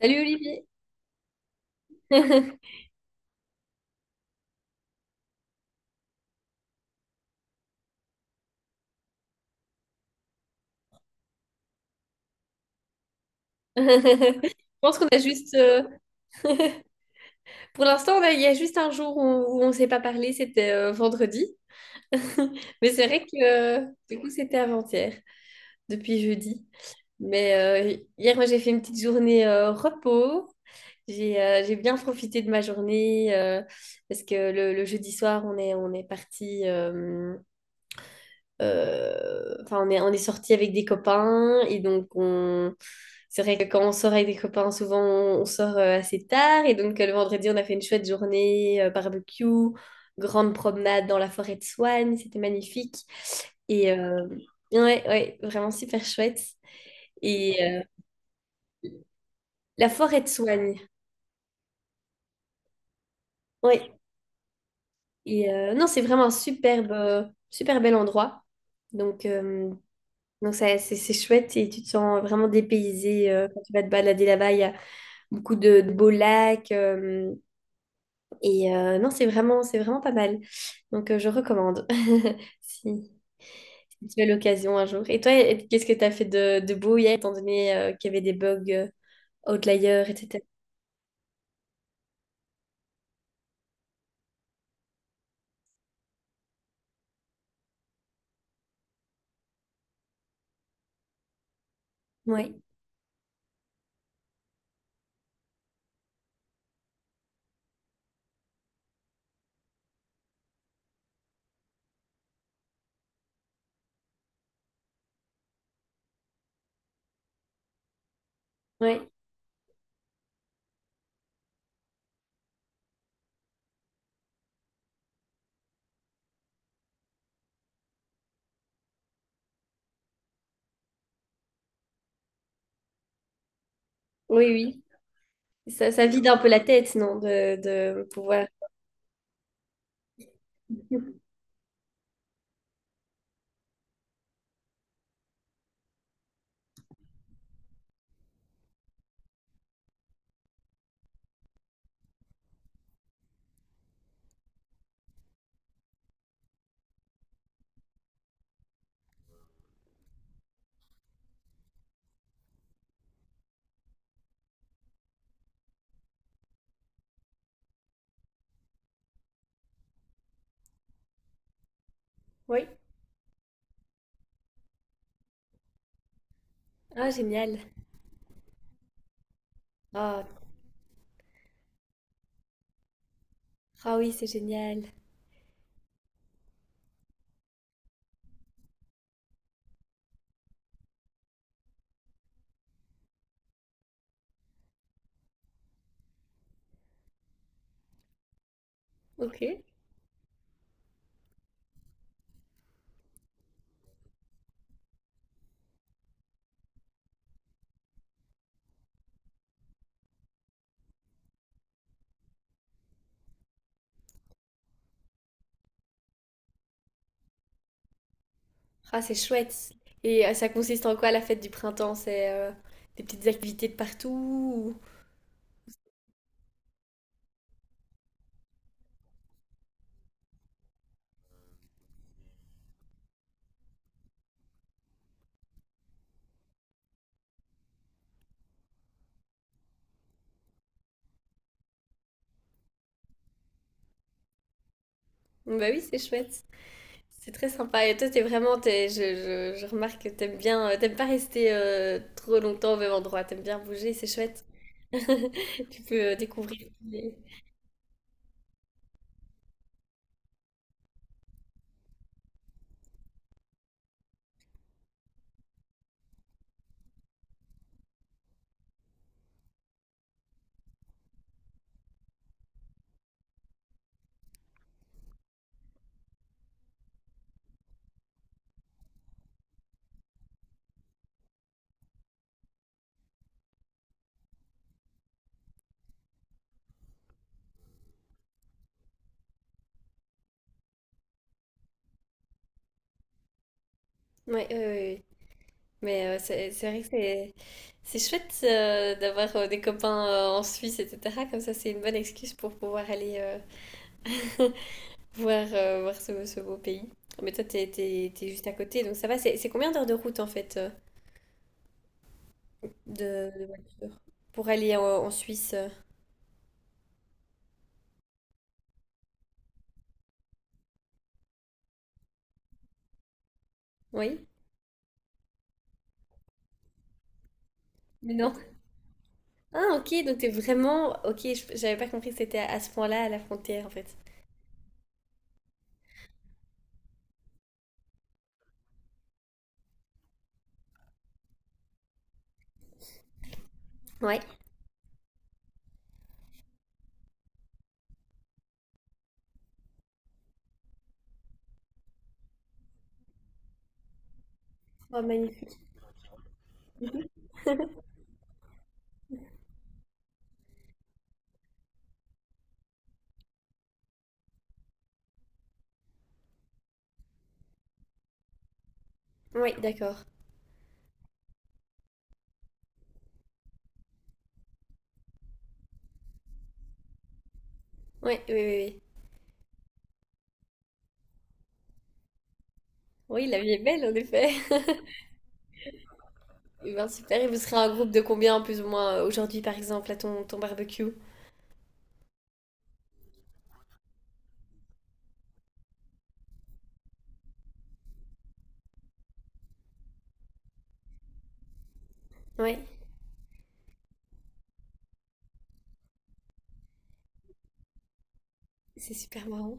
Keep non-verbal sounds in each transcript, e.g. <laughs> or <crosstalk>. Salut Olivier. <laughs> Je pense qu'on a juste, pour l'instant, il y a juste un jour où on ne s'est pas parlé, c'était vendredi. <laughs> Mais c'est vrai que du coup, c'était avant-hier, depuis jeudi. Mais hier, moi, j'ai fait une petite journée repos. J'ai bien profité de ma journée parce que le jeudi soir, on est parti. Enfin, on est sorti avec des copains et donc on... C'est vrai que quand on sort avec des copains, souvent on sort assez tard et donc le vendredi on a fait une chouette journée, barbecue, grande promenade dans la forêt de Swan, c'était magnifique et ouais, ouais, vraiment super chouette. Et la forêt de Soigne, ouais. Et non, c'est vraiment un superbe, super bel endroit. Donc, euh, donc ça, c'est chouette et tu te sens vraiment dépaysé quand tu vas te balader là-bas. Beaucoup de beaux lacs. Et non, c'est vraiment pas mal. Je recommande <laughs> si, si tu as l'occasion un jour. Et toi, qu'est-ce que tu as fait de beau hier, étant donné qu'il y avait des bugs outliers, etc. Ouais, ouais, oui, oui. Ça vide un peu la tête, non, de pouvoir. <laughs> Oui. Ah, génial. Ah, ah oui, c'est génial. Ok. Ah, c'est chouette. Et ça consiste en quoi la fête du printemps? C'est des petites activités de partout? Bah oui, c'est chouette. C'est très sympa. Et toi, t'es vraiment, t'es- je remarque que t'aimes bien, t'aimes pas rester trop longtemps au même endroit. T'aimes bien bouger, c'est chouette. <laughs> Tu peux découvrir. les- Ouais, ouais, ouais, ouais. Mais c'est vrai que c'est chouette d'avoir des copains en Suisse, etc. Comme ça, c'est une bonne excuse pour pouvoir aller <laughs> voir, voir ce beau pays. Mais toi, t'es juste à côté, donc ça va. C'est combien d'heures de route en fait de voiture pour aller en Suisse? Oui. Mais non. Ah, ok, donc t'es vraiment. Ok, j'avais pas compris que c'était à ce point-là, à la frontière, en fait. Ouais. Oh, magnifique. Oui, d'accord. Ouais, oui, oui, oui. Oui, la vie est belle, en effet. <laughs> Eh ben, super. Et vous serez un groupe de combien, plus ou moins, aujourd'hui, par exemple, à ton barbecue? Ouais, c'est super marrant.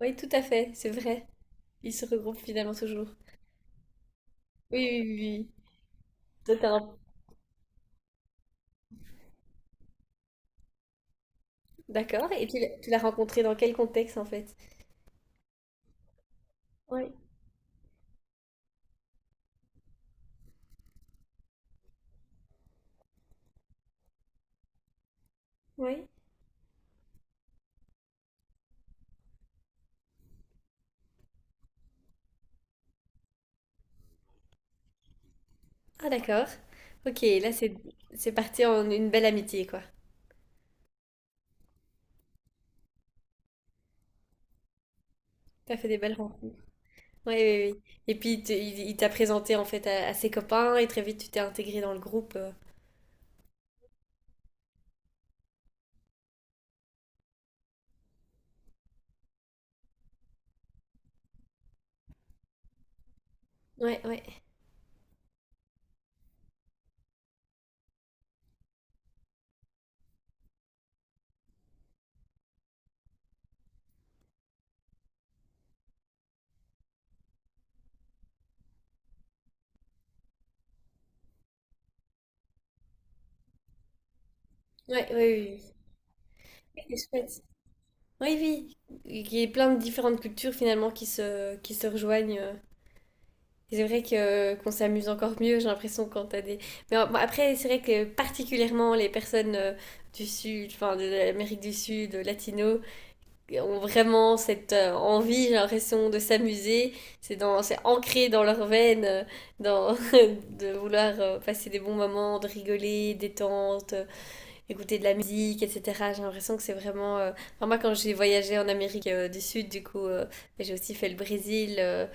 Oui, tout à fait, c'est vrai. Ils se regroupent finalement toujours. Oui, oui, oui. Oui. Toi, t'as un- D'accord. Et tu l'as rencontré dans quel contexte, en fait? Ouais, ouais. Ah, d'accord. Ok, là, c'est parti en une belle amitié, quoi. T'as fait des belles rencontres. Oui, oui, oui. Et puis il t'a présenté en fait à ses copains et très vite tu t'es intégré dans le groupe. Ouais, ouais, ouais, ouais, oui. Oui. C'est chouette. Oui, oui. Il y a plein de différentes cultures finalement qui se rejoignent. Et c'est vrai que qu'on s'amuse encore mieux, j'ai l'impression, quand t'as des. Mais bon, après, c'est vrai que particulièrement les personnes du Sud, enfin de l'Amérique du Sud, latino, ont vraiment cette envie, j'ai l'impression, de s'amuser. C'est ancré dans leurs veines, dans, <laughs> de vouloir passer des bons moments, de rigoler, détente, écouter de la musique, etc. J'ai l'impression que c'est vraiment... enfin, moi, quand j'ai voyagé en Amérique du Sud, du coup, j'ai aussi fait le Brésil,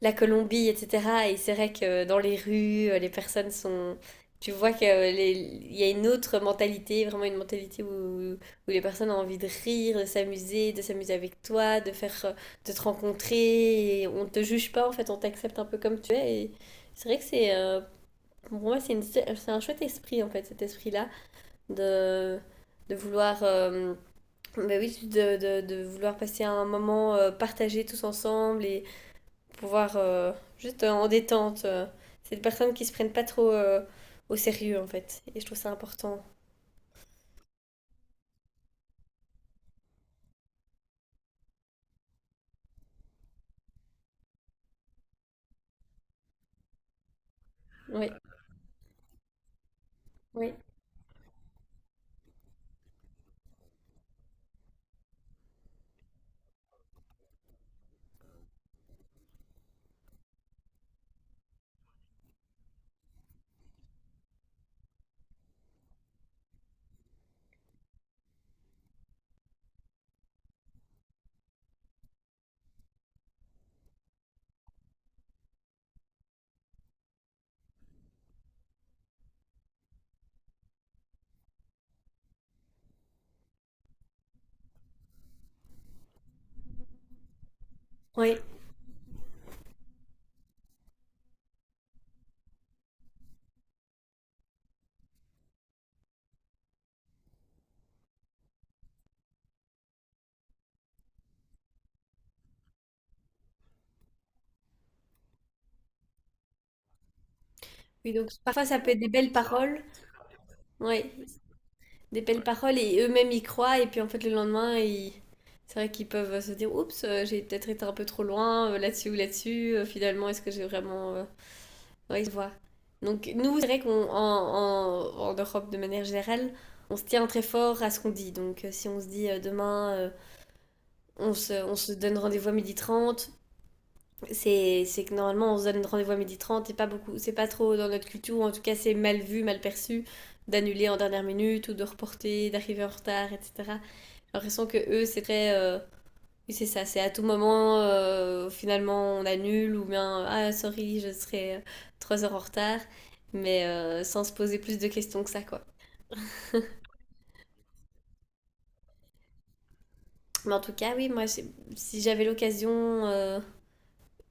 la Colombie, etc. Et c'est vrai que dans les rues, les personnes sont... Tu vois qu'il y a une autre mentalité, vraiment une mentalité où les personnes ont envie de rire, de s'amuser avec toi, de faire, de te rencontrer. Et on ne te juge pas, en fait, on t'accepte un peu comme tu es. Et c'est vrai que pour moi, c'est un chouette esprit, en fait, cet esprit-là, de, de vouloir... bah oui, de vouloir passer un moment partagé tous ensemble et, pour pouvoir juste en détente. C'est des personnes qui se prennent pas trop au sérieux en fait. Et je trouve ça important. Oui, oui, oui. Oui, donc parfois ça peut être des belles paroles. Oui, des belles paroles et eux-mêmes y croient. Et puis en fait le lendemain, ils... C'est vrai qu'ils peuvent se dire, oups, j'ai peut-être été un peu trop loin là-dessus ou là-dessus. Finalement, est-ce que j'ai vraiment... Oui, je vois. Donc nous, c'est vrai en Europe de manière générale, on se tient très fort à ce qu'on dit. Donc si on se dit demain... On se donne rendez-vous à 12h30. C'est que normalement, on se donne rendez-vous à midi 30 et pas beaucoup, c'est pas trop dans notre culture, ou en tout cas, c'est mal vu, mal perçu d'annuler en dernière minute ou de reporter, d'arriver en retard, etc. J'ai l'impression que eux, c'est très. Oui, c'est ça, c'est à tout moment, finalement, on annule ou bien, ah, sorry, je serai 3 heures en retard, mais sans se poser plus de questions que ça, quoi. Mais en tout cas, oui, moi, si j'avais l'occasion, euh,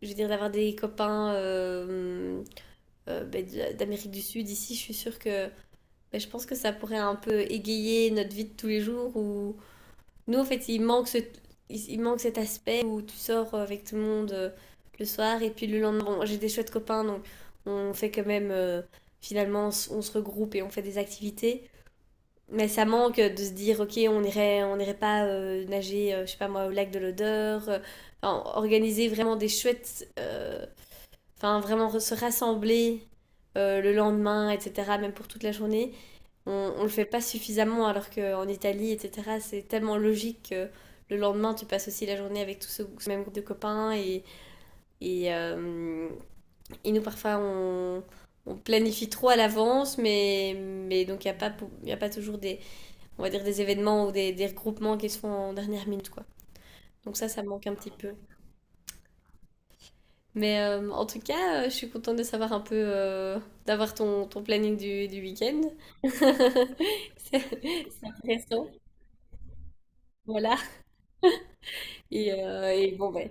je veux dire, d'avoir des copains ben, d'Amérique du Sud, ici, je suis sûre que ben, je pense que ça pourrait un peu égayer notre vie de tous les jours où nous, en fait, il manque cet aspect où tu sors avec tout le monde le soir et puis le lendemain, bon, j'ai des chouettes copains, donc on fait quand même, finalement, on se regroupe et on fait des activités. Mais ça manque de se dire, ok, on irait pas nager, je sais pas moi, au lac de l'Odeur, enfin, organiser vraiment des chouettes vraiment se rassembler le lendemain, etc., même pour toute la journée, on le fait pas suffisamment, alors qu'en Italie, etc., c'est tellement logique que le lendemain, tu passes aussi la journée avec tout ce même groupe de copains. Et, et, euh, et nous, parfois, on planifie trop à l'avance, mais, donc il n'y a, pas y a pas toujours des, on va dire, des événements ou des regroupements qui se font en dernière minute, quoi. Donc ça me manque un petit peu. Mais en tout cas, je suis contente de savoir un peu, d'avoir ton planning du week-end. <laughs> C'est c'est intéressant. Voilà. Et et bon, ben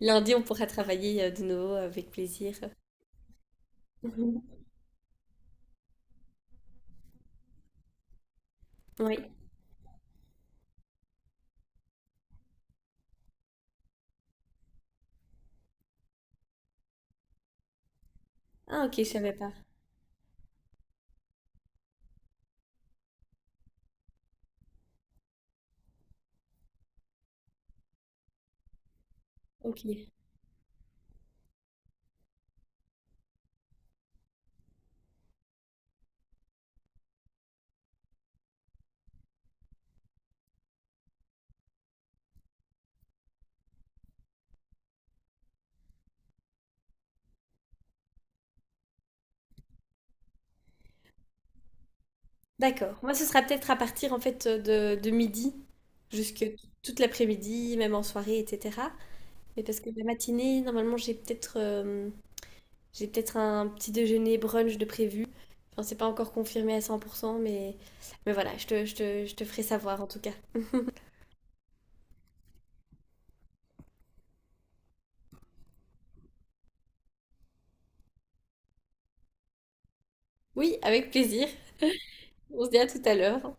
lundi, on pourra travailler de nouveau avec plaisir. <laughs> Mhm. Oui. Ah, ok, je savais pas. Ok. D'accord. Moi, ce sera peut-être à partir en fait de midi jusque toute l'après-midi, même en soirée, etc. Mais parce que la matinée, normalement, j'ai peut-être un petit déjeuner brunch de prévu. Enfin, c'est pas encore confirmé à 100%, mais, voilà, je te ferai savoir en tout cas. Oui, avec plaisir. On se dit à tout à l'heure.